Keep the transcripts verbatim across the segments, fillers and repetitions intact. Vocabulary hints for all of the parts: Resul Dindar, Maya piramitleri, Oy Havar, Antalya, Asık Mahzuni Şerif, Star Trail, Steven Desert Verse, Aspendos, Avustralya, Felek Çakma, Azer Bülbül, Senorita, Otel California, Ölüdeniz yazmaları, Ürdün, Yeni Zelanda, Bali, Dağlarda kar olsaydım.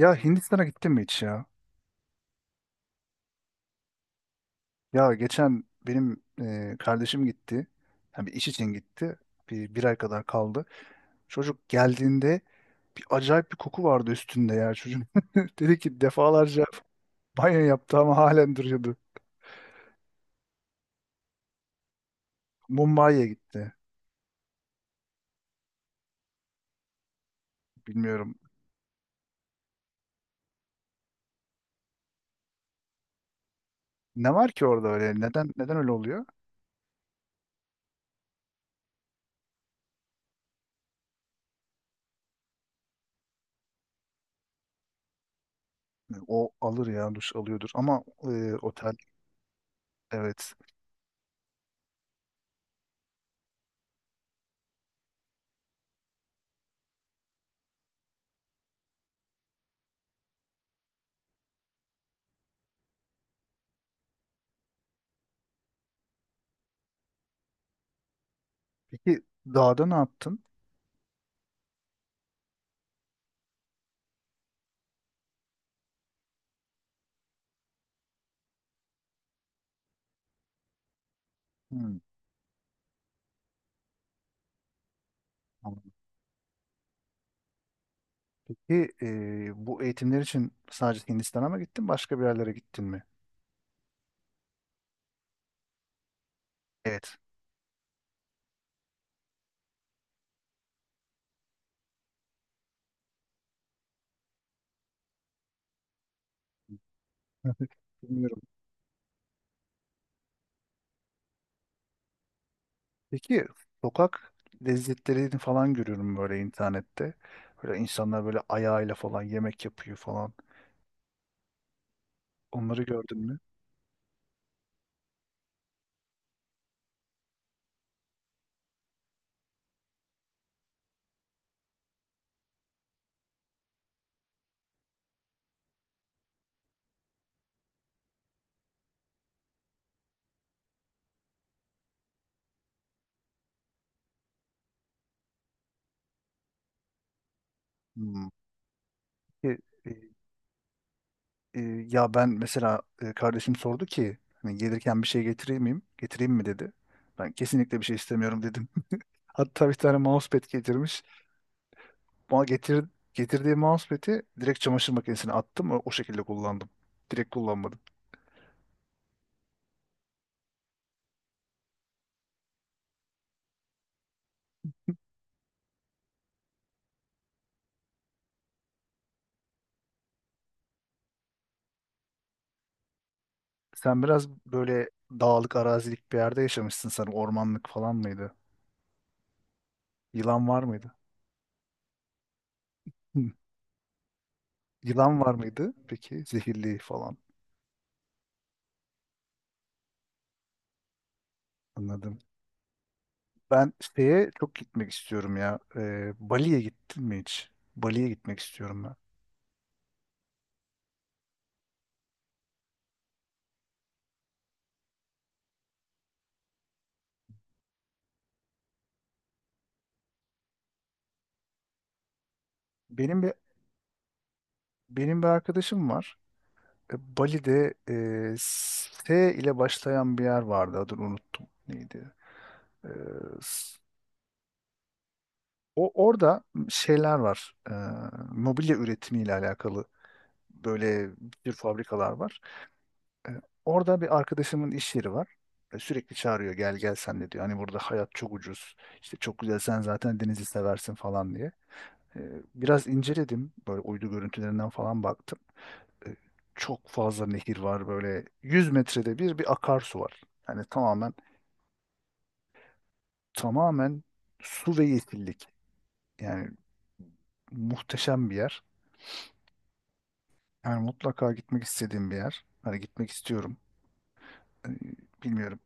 Ya Hindistan'a gittin mi hiç ya? Ya geçen benim e, kardeşim gitti. Yani bir iş için gitti. Bir, bir ay kadar kaldı. Çocuk geldiğinde bir acayip bir koku vardı üstünde ya çocuğun. Dedi ki defalarca banyo yaptı ama halen duruyordu. Mumbai'ye gitti. Bilmiyorum. Ne var ki orada öyle? Neden neden öyle oluyor? E, O alır ya duş alıyordur ama e, otel evet. Peki dağda ne yaptın? Hmm. Tamam. Peki, e, bu eğitimler için sadece Hindistan'a mı gittin, başka bir yerlere gittin mi? Evet. Bilmiyorum. Peki sokak lezzetlerini falan görüyorum böyle internette. Böyle insanlar böyle ayağıyla falan yemek yapıyor falan. Onları gördün mü? Hmm. Peki. e, e, Ya ben mesela, e, kardeşim sordu ki hani gelirken bir şey getireyim miyim? Getireyim mi dedi. Ben kesinlikle bir şey istemiyorum dedim. Hatta bir tane mousepad getirmiş. Bana getir, Getirdiği mousepad'i direkt çamaşır makinesine attım. O, o şekilde kullandım. Direkt kullanmadım. Sen biraz böyle dağlık, arazilik bir yerde yaşamışsın sanırım. Ormanlık falan mıydı? Yılan var mıydı? Hı. Yılan var mıydı? Peki zehirli falan. Anladım. Ben şeye çok gitmek istiyorum ya. Ee, Bali'ye gittin mi hiç? Bali'ye gitmek istiyorum ben. Benim bir Benim bir arkadaşım var. E, Bali'de e, S ile başlayan bir yer vardı. Adını unuttum. Neydi? E, s- O orada şeyler var. E, mobilya üretimiyle alakalı böyle bir sürü fabrikalar var. E, Orada bir arkadaşımın iş yeri var. E, sürekli çağırıyor, gel gel sen de diyor. Hani burada hayat çok ucuz. İşte çok güzel, sen zaten denizi seversin falan diye. E, Biraz inceledim. Böyle uydu görüntülerinden falan baktım. e, Çok fazla nehir var, böyle yüz metrede bir bir akarsu var. Yani tamamen tamamen su ve yeşillik. Yani muhteşem bir yer. Yani mutlaka gitmek istediğim bir yer. Hani gitmek istiyorum. Ee, Bilmiyorum.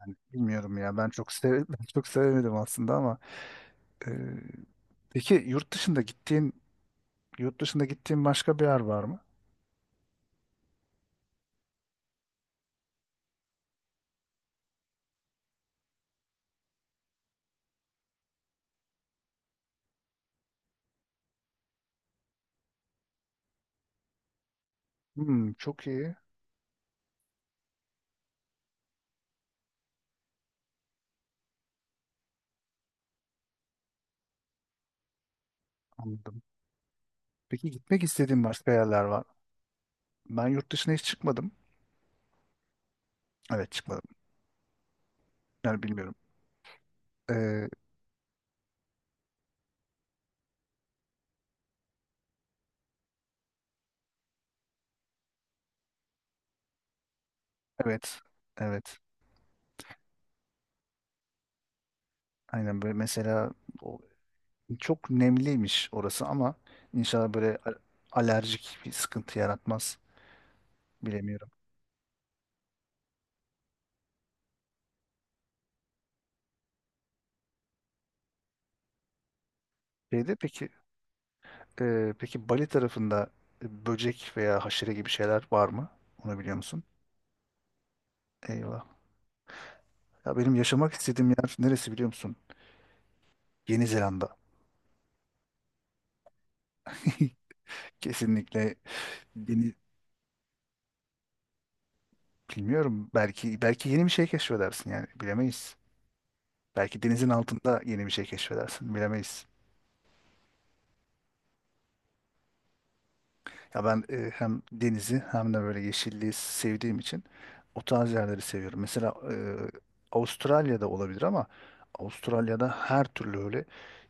Yani bilmiyorum ya. Ben çok sev Ben çok sevemedim aslında ama e, peki yurt dışında gittiğin yurt dışında gittiğin başka bir yer var mı? Hmm, çok iyi. Anladım. Peki gitmek istediğin başka yerler var mı? Ben yurt dışına hiç çıkmadım. Evet, çıkmadım. Yani bilmiyorum. Ee, evet. Evet. Aynen, böyle mesela o, çok nemliymiş orası ama inşallah böyle a- alerjik bir sıkıntı yaratmaz. Bilemiyorum. Şeyde peki, e, peki Bali tarafında böcek veya haşere gibi şeyler var mı? Onu biliyor musun? Eyvah. Ya benim yaşamak istediğim yer neresi biliyor musun? Yeni Zelanda. Kesinlikle yeni bilmiyorum. Belki belki yeni bir şey keşfedersin yani bilemeyiz. Belki denizin altında yeni bir şey keşfedersin. Bilemeyiz. Ya ben, e, hem denizi hem de böyle yeşilliği sevdiğim için o tarz yerleri seviyorum. Mesela e, Avustralya'da olabilir ama Avustralya'da her türlü öyle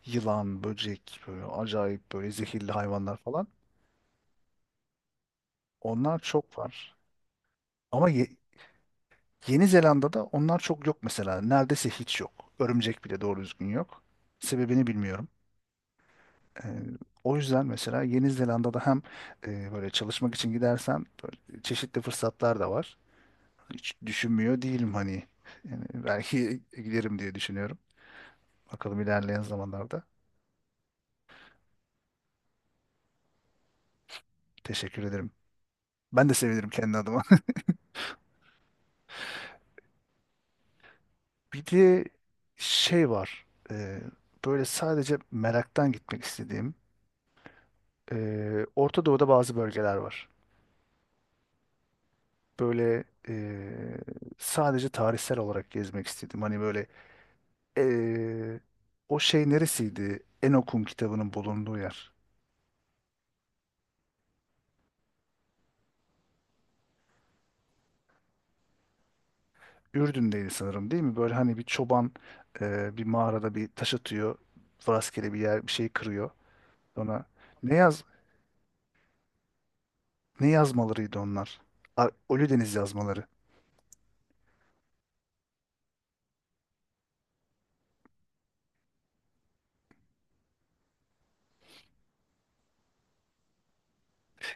yılan, böcek, böyle acayip böyle zehirli hayvanlar falan. Onlar çok var. Ama Ye- Yeni Zelanda'da onlar çok yok mesela. Neredeyse hiç yok. Örümcek bile doğru düzgün yok. Sebebini bilmiyorum. E, O yüzden mesela Yeni Zelanda'da hem e, böyle çalışmak için gidersen böyle çeşitli fırsatlar da var. Hiç düşünmüyor değilim hani. Yani belki giderim diye düşünüyorum. Bakalım ilerleyen zamanlarda. Teşekkür ederim. Ben de sevinirim kendi adıma. Bir de şey var. e, Böyle sadece meraktan gitmek istediğim. e, Orta Doğu'da bazı bölgeler var. Böyle, e, sadece tarihsel olarak gezmek istedim. Hani böyle, e, o şey neresiydi? Enokun kitabının bulunduğu yer. Ürdün'deydi sanırım, değil mi? Böyle hani bir çoban, e, bir mağarada bir taş atıyor. Rastgele bir yer bir şey kırıyor. Sonra ne yaz ne yazmalarıydı onlar? A- Ölüdeniz yazmaları.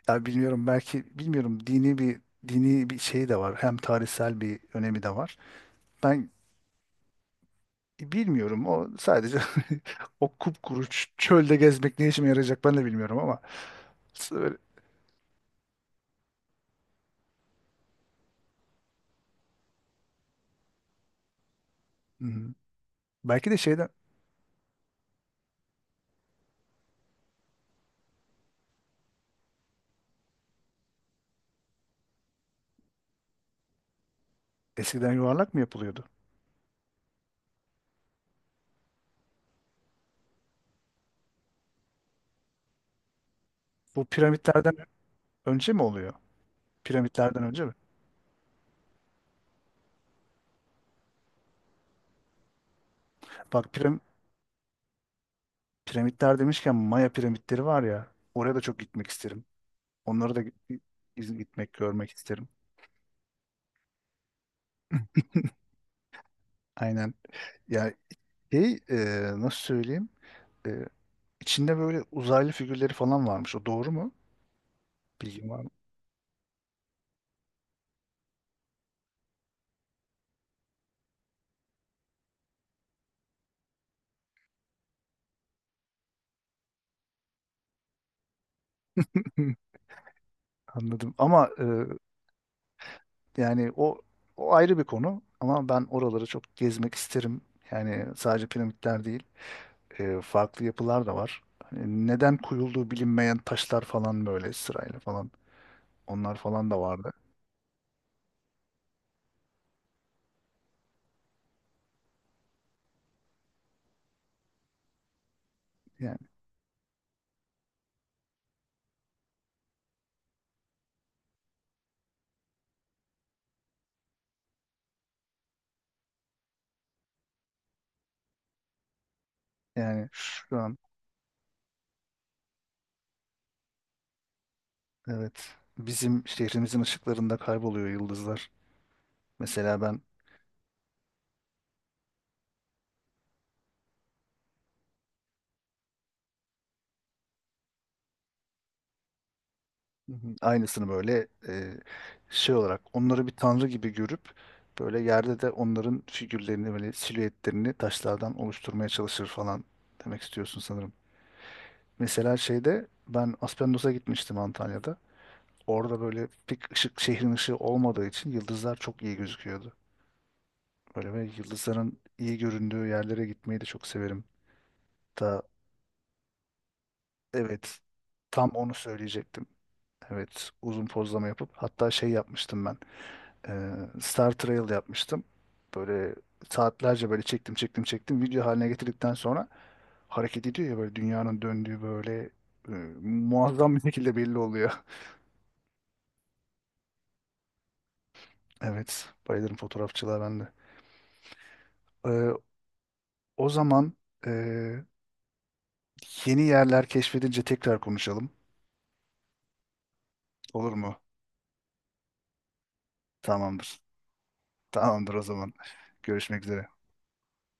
Ya bilmiyorum, belki bilmiyorum, dini bir dini bir şey de var. Hem tarihsel bir önemi de var. Ben bilmiyorum, o sadece o kupkuru ç- çölde gezmek ne işime yarayacak ben de bilmiyorum ama böyle- hı hı. Belki de şeyden eskiden yuvarlak mı yapılıyordu? Bu piramitlerden önce mi oluyor? Piramitlerden önce mi? Bak piram- Piramitler demişken Maya piramitleri var ya. Oraya da çok gitmek isterim. Onları da git- iz- Gitmek, görmek isterim. Aynen. Ya şey, e, nasıl söyleyeyim? E, içinde böyle uzaylı figürleri falan varmış. O doğru mu? Bilgim var mı? Anladım. Ama e, yani o o ayrı bir konu. Ama ben oraları çok gezmek isterim. Yani sadece piramitler değil, e, farklı yapılar da var. Hani neden koyulduğu bilinmeyen taşlar falan böyle sırayla falan. Onlar falan da vardı. Yani, yani Şu an evet, bizim şehrimizin ışıklarında kayboluyor yıldızlar. Mesela ben, hı hı, aynısını böyle, e, şey olarak onları bir tanrı gibi görüp böyle yerde de onların figürlerini böyle silüetlerini taşlardan oluşturmaya çalışır falan demek istiyorsun sanırım. Mesela şeyde ben Aspendos'a gitmiştim, Antalya'da. Orada böyle pek ışık, şehrin ışığı olmadığı için yıldızlar çok iyi gözüküyordu. Böyle ve yıldızların iyi göründüğü yerlere gitmeyi de çok severim. Ta Evet. Tam onu söyleyecektim. Evet, uzun pozlama yapıp hatta şey yapmıştım ben. Ee, Star Trail yapmıştım. Böyle saatlerce böyle çektim çektim çektim, video haline getirdikten sonra hareket ediyor ya, böyle dünyanın döndüğü böyle, e, muazzam bir şekilde belli oluyor. Evet, bayılırım fotoğrafçılığa ben de. Ee, O zaman, e, yeni yerler keşfedince tekrar konuşalım. Olur mu? Tamamdır. Tamamdır o zaman. Görüşmek üzere.